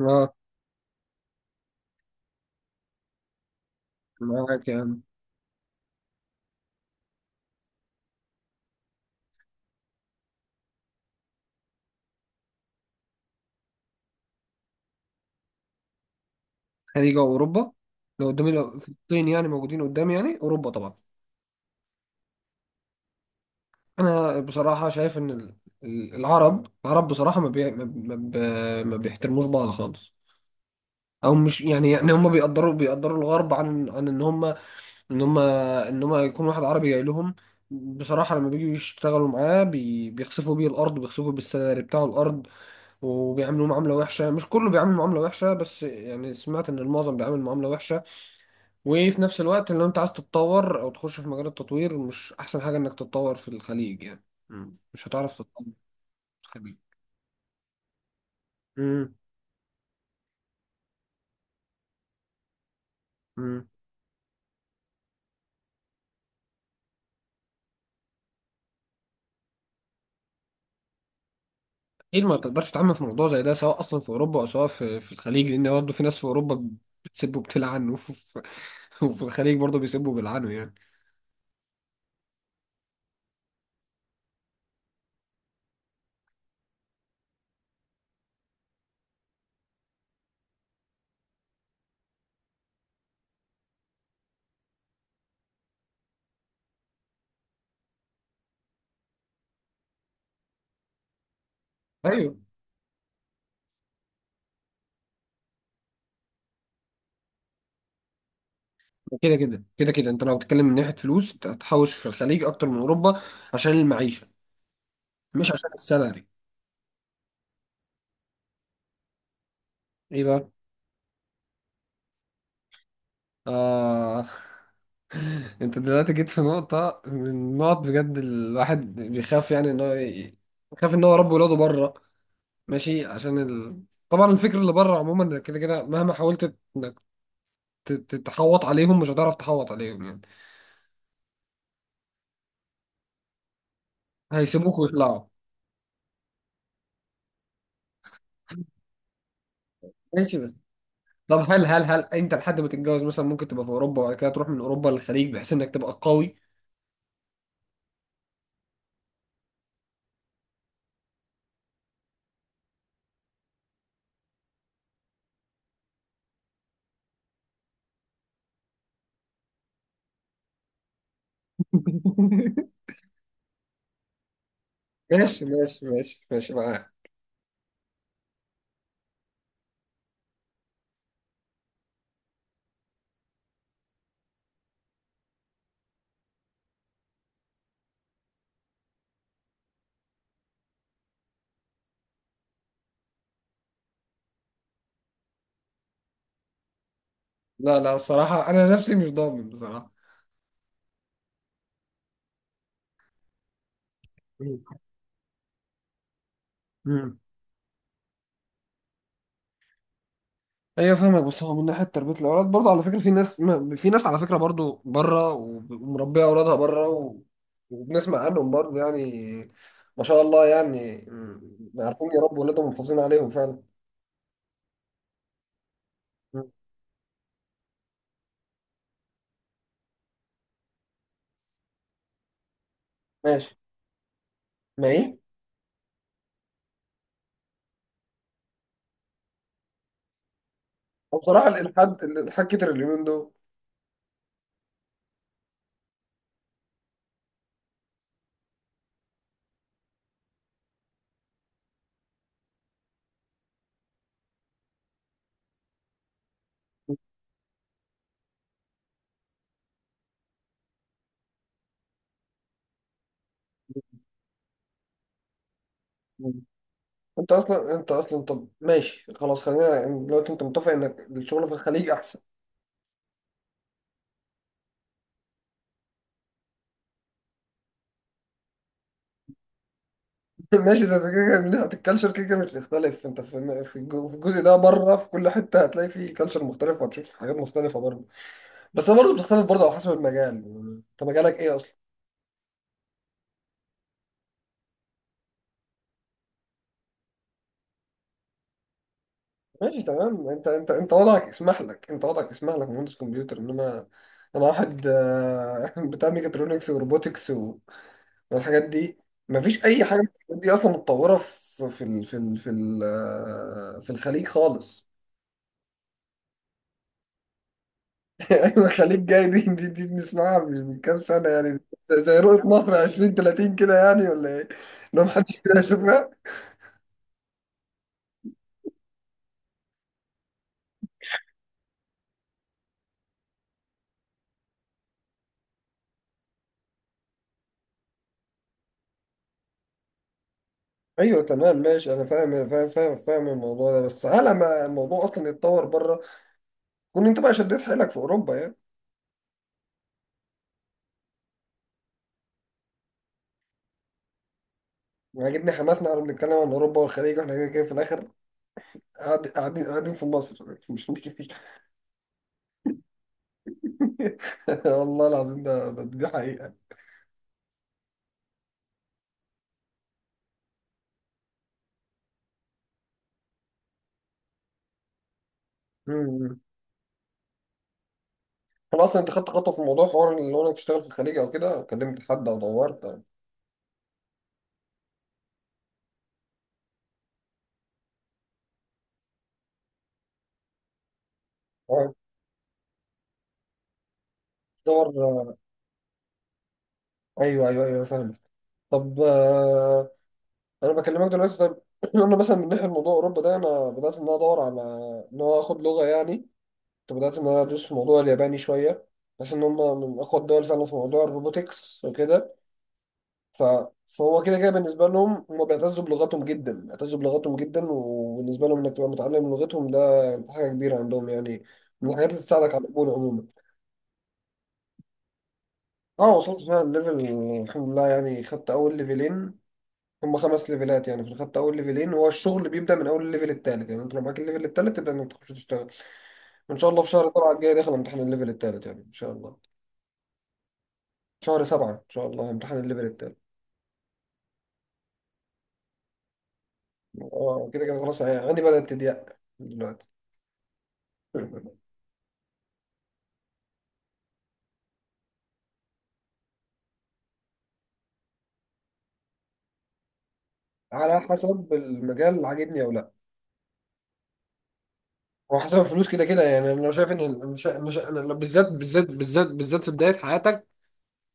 اه، معاك يعني. خليج اوروبا؟ لو قدامي، لو في الطين يعني موجودين قدامي، يعني اوروبا طبعا. انا بصراحه شايف ان العرب بصراحه ما بي... ما ما ب... ما بيحترموش بعض خالص، او مش يعني هم بيقدروا الغرب عن ان هم، يكون واحد عربي جاي لهم بصراحه. لما بيجوا يشتغلوا معاه بيخسفوا بيه الارض، بيخسفوا بالسالري بتاع الارض، وبيعاملوه معامله وحشه. مش كله بيعامل معامله وحشه، بس يعني سمعت ان المعظم بيعامل معامله وحشه. وفي نفس الوقت لو انت عايز تتطور او تخش في مجال التطوير، مش احسن حاجة انك تتطور في الخليج يعني. مش هتعرف تتطور في الخليج. امم امم اكيد ما تقدرش تعمم في موضوع زي ده، سواء اصلا في اوروبا او سواء في الخليج، لان برضه في ناس في اوروبا بتسب وبتلعن وفي الخليج برضه بيسبوا وبيلعنوا يعني. ايوه. كده كده انت لو بتتكلم من ناحية فلوس انت هتحوش في الخليج اكتر من اوروبا عشان المعيشة، مش عشان السالري. ايه بقى، انت دلوقتي جيت في نقطة من النقط بجد الواحد بيخاف يعني بيخاف ان هو يربي ولاده بره ماشي. طبعا الفكر اللي بره عموما كده كده، مهما حاولت انك تحوط عليهم مش هتعرف تحوط عليهم، يعني هيسيبوك ويطلعوا. ماشي، بس طب هل انت لحد ما تتجوز مثلا ممكن تبقى في اوروبا وبعد كده تروح من اوروبا للخليج بحيث انك تبقى قوي؟ ماشي ماشي ماشي ماشي، معاك. لا لا، الصراحة انا نفسي مش ضامن بصراحة. ايوه فاهمك، بس هو من ناحيه تربيه الاولاد برضه على فكره في ناس في ناس على فكره برضه بره ومربيه اولادها بره، وبنسمع عنهم برضه يعني. ما شاء الله يعني، عارفين يربوا اولادهم ومحافظين عليهم فعلا. م. ماشي، ما ايه. بصراحه الالحاد، الالحاد كتر اليومين دول. مم. انت اصلا، انت اصلا، طب ماشي خلاص، خلينا يعني دلوقتي انت متفق انك الشغل في الخليج احسن. ماشي، ده كده كده من ناحية الكالتشر، كده كده مش هتختلف انت في في الجزء ده بره، في كل حتة هتلاقي فيه كالتشر مختلف، وهتشوف حاجات مختلفة برضه. بس هي برضه بتختلف برضه على حسب المجال. انت مجالك ايه اصلا؟ ماشي تمام. انت وضعك يسمح لك، انت وضعك يسمح لك مهندس كمبيوتر، انما انا واحد بتاع ميكاترونكس وروبوتكس والحاجات دي، مفيش اي حاجة من الحاجات دي اصلا متطورة في في ال- في ال- في ال- آه، في الخليج خالص. ايوه، خليك جاي. دي بنسمعها مش من كام سنه يعني، زي زي رؤيه مصر 2030 كده يعني، ولا ايه؟ لو محدش كده يشوفها. ايوه تمام ماشي، انا فاهم الموضوع ده، بس على ما الموضوع اصلا يتطور بره، كون انت بقى شديت حيلك في اوروبا يعني. عاجبني حماسنا واحنا بنتكلم عن اوروبا والخليج، واحنا كده كده في الاخر قاعدين في مصر مش مش مش والله العظيم، دي حقيقه. امم. طب اصلا انت خدت خطوه في موضوع حوار اللي هو انك تشتغل في الخليج او كده، كلمت حد او دورت أو- أه. دور. ايوه ايوه ايوه فاهمك. طب انا بكلمك دلوقتي، طب قلنا مثلا من ناحيه موضوع اوروبا ده، انا بدات ان انا ادور على ان هو اخد لغه يعني. كنت بدات ان انا ادرس في موضوع الياباني شويه، بس ان هم من اقوى الدول فعلا في موضوع الروبوتكس وكده. ف... فهو كده كده بالنسبه لهم، هم بيعتزوا بلغتهم جدا، بيعتزوا بلغتهم جدا، وبالنسبه لهم انك تبقى متعلم لغتهم ده حاجه كبيره عندهم يعني، من الحاجات اللي تساعدك على القبول عموما. اه وصلت فعلا ليفل، الحمد لله يعني، خدت اول ليفلين. هم خمس ليفلات يعني، في الخدت اول ليفلين، هو الشغل بيبدأ من اول الليفل التالت يعني. انت لو معاك الليفل التالت تبدأ انك تخش تشتغل، وان شاء الله في شهر سبعة الجاي داخل امتحان الليفل التالت يعني، ان شاء الله. شهر سبعة ان شاء الله امتحان الليفل التالت. اه كده كده خلاص يعني عندي بدأت تضيق دلوقتي. على حسب المجال اللي عاجبني او لا. هو حسب الفلوس كده كده يعني، انا لو شايف ان أنا لو بالذات في بدايه حياتك،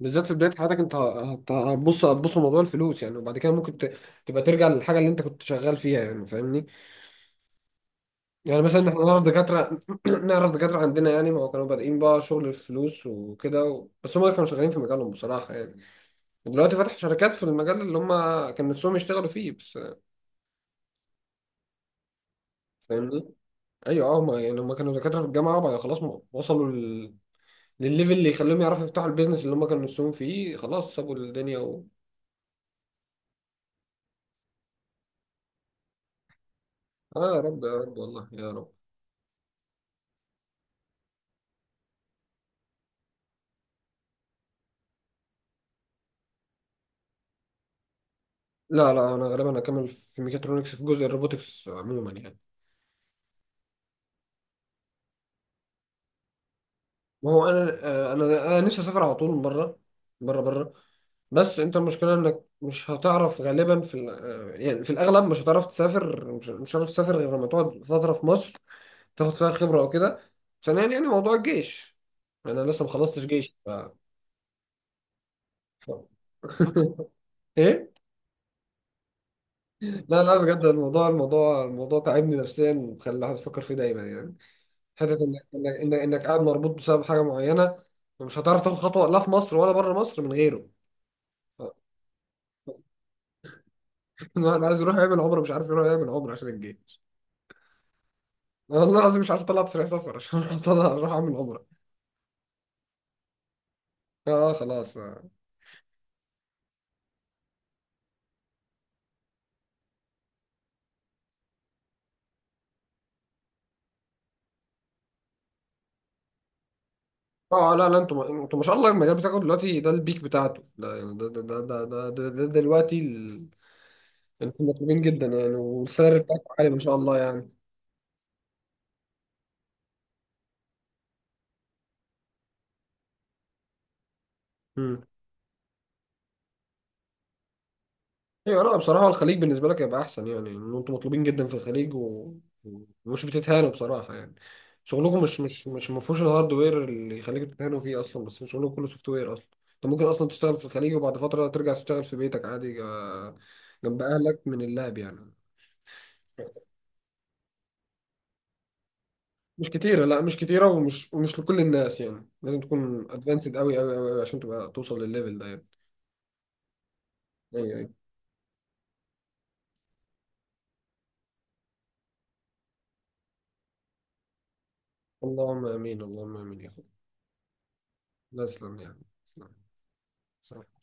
بالذات في بدايه حياتك، انت هتبص، هتبص لموضوع الفلوس يعني، وبعد كده ممكن تبقى ترجع للحاجه اللي انت كنت شغال فيها يعني، فاهمني؟ يعني مثلا احنا نعرف دكاترة نعرف دكاترة عندنا يعني، ما هو كانوا بادئين بقى شغل الفلوس وكده بس هم كانوا شغالين في مجالهم بصراحة يعني. دلوقتي فتحوا شركات في المجال اللي هم كان نفسهم يشتغلوا فيه بس. فاهمني؟ ايوه اه، هم يعني هم كانوا دكاترة في الجامعة، وبعد خلاص وصلوا للليفل اللي يخليهم يعرفوا يفتحوا البيزنس اللي هم كانوا نفسهم فيه، خلاص سابوا الدنيا و... اه يا رب يا رب، والله يا رب. لا لا، انا غالبا هكمل في ميكاترونكس في جزء الروبوتكس عموما يعني. ما هو انا انا نفسي اسافر على طول بره بره بره، بس انت المشكله انك مش هتعرف غالبا في ال- آه، يعني في الاغلب مش هتعرف تسافر، مش هتعرف تسافر غير لما تقعد فتره في مصر تاخد فيها خبره او كده. ثانيا يعني موضوع الجيش، انا لسه ما خلصتش جيش ف... ايه. لا لا بجد، الموضوع تعبني نفسيا وخلى الواحد يفكر فيه دايما يعني. حته إنك قاعد مربوط بسبب حاجه معينه، ومش هتعرف تاخد خطوه لا في مصر ولا بره مصر من غيره. الواحد عايز يروح يعمل عمره مش عارف يروح يعمل عمره عشان الجيش. والله العظيم مش عارف اطلع تصريح سفر عشان أروح اعمل عمره. اه خلاص، ف... اه لا لا، انتوا انتوا ما شاء الله، المجال بتاعكم دلوقتي ده البيك بتاعته، ده يعني ده دلوقتي ال... انتوا مطلوبين جدا يعني، والسالري بتاعكم عالي ما شاء الله يعني. مم. ايوه، لا بصراحة الخليج بالنسبة لك هيبقى أحسن يعني، إن أنتوا مطلوبين جدا في الخليج ومش بتتهانوا بصراحة يعني. شغلكم مش مش مش ما فيهوش الهاردوير اللي يخليكوا تتهانوا فيه أصلا، بس شغلكم كله سوفت وير أصلا. أنت ممكن أصلا تشتغل في الخليج وبعد فترة ترجع تشتغل في بيتك عادي جنب أهلك من اللاب يعني. مش كتيرة، لا مش كتيرة، ومش لكل الناس يعني، لازم تكون أدفانسد أوي أوي أوي أوي عشان تبقى توصل للليفل ده يعني. أيوه أيوه. اللهم آمين، اللهم آمين يا أخويا. لا تسلم يعني. تسلم.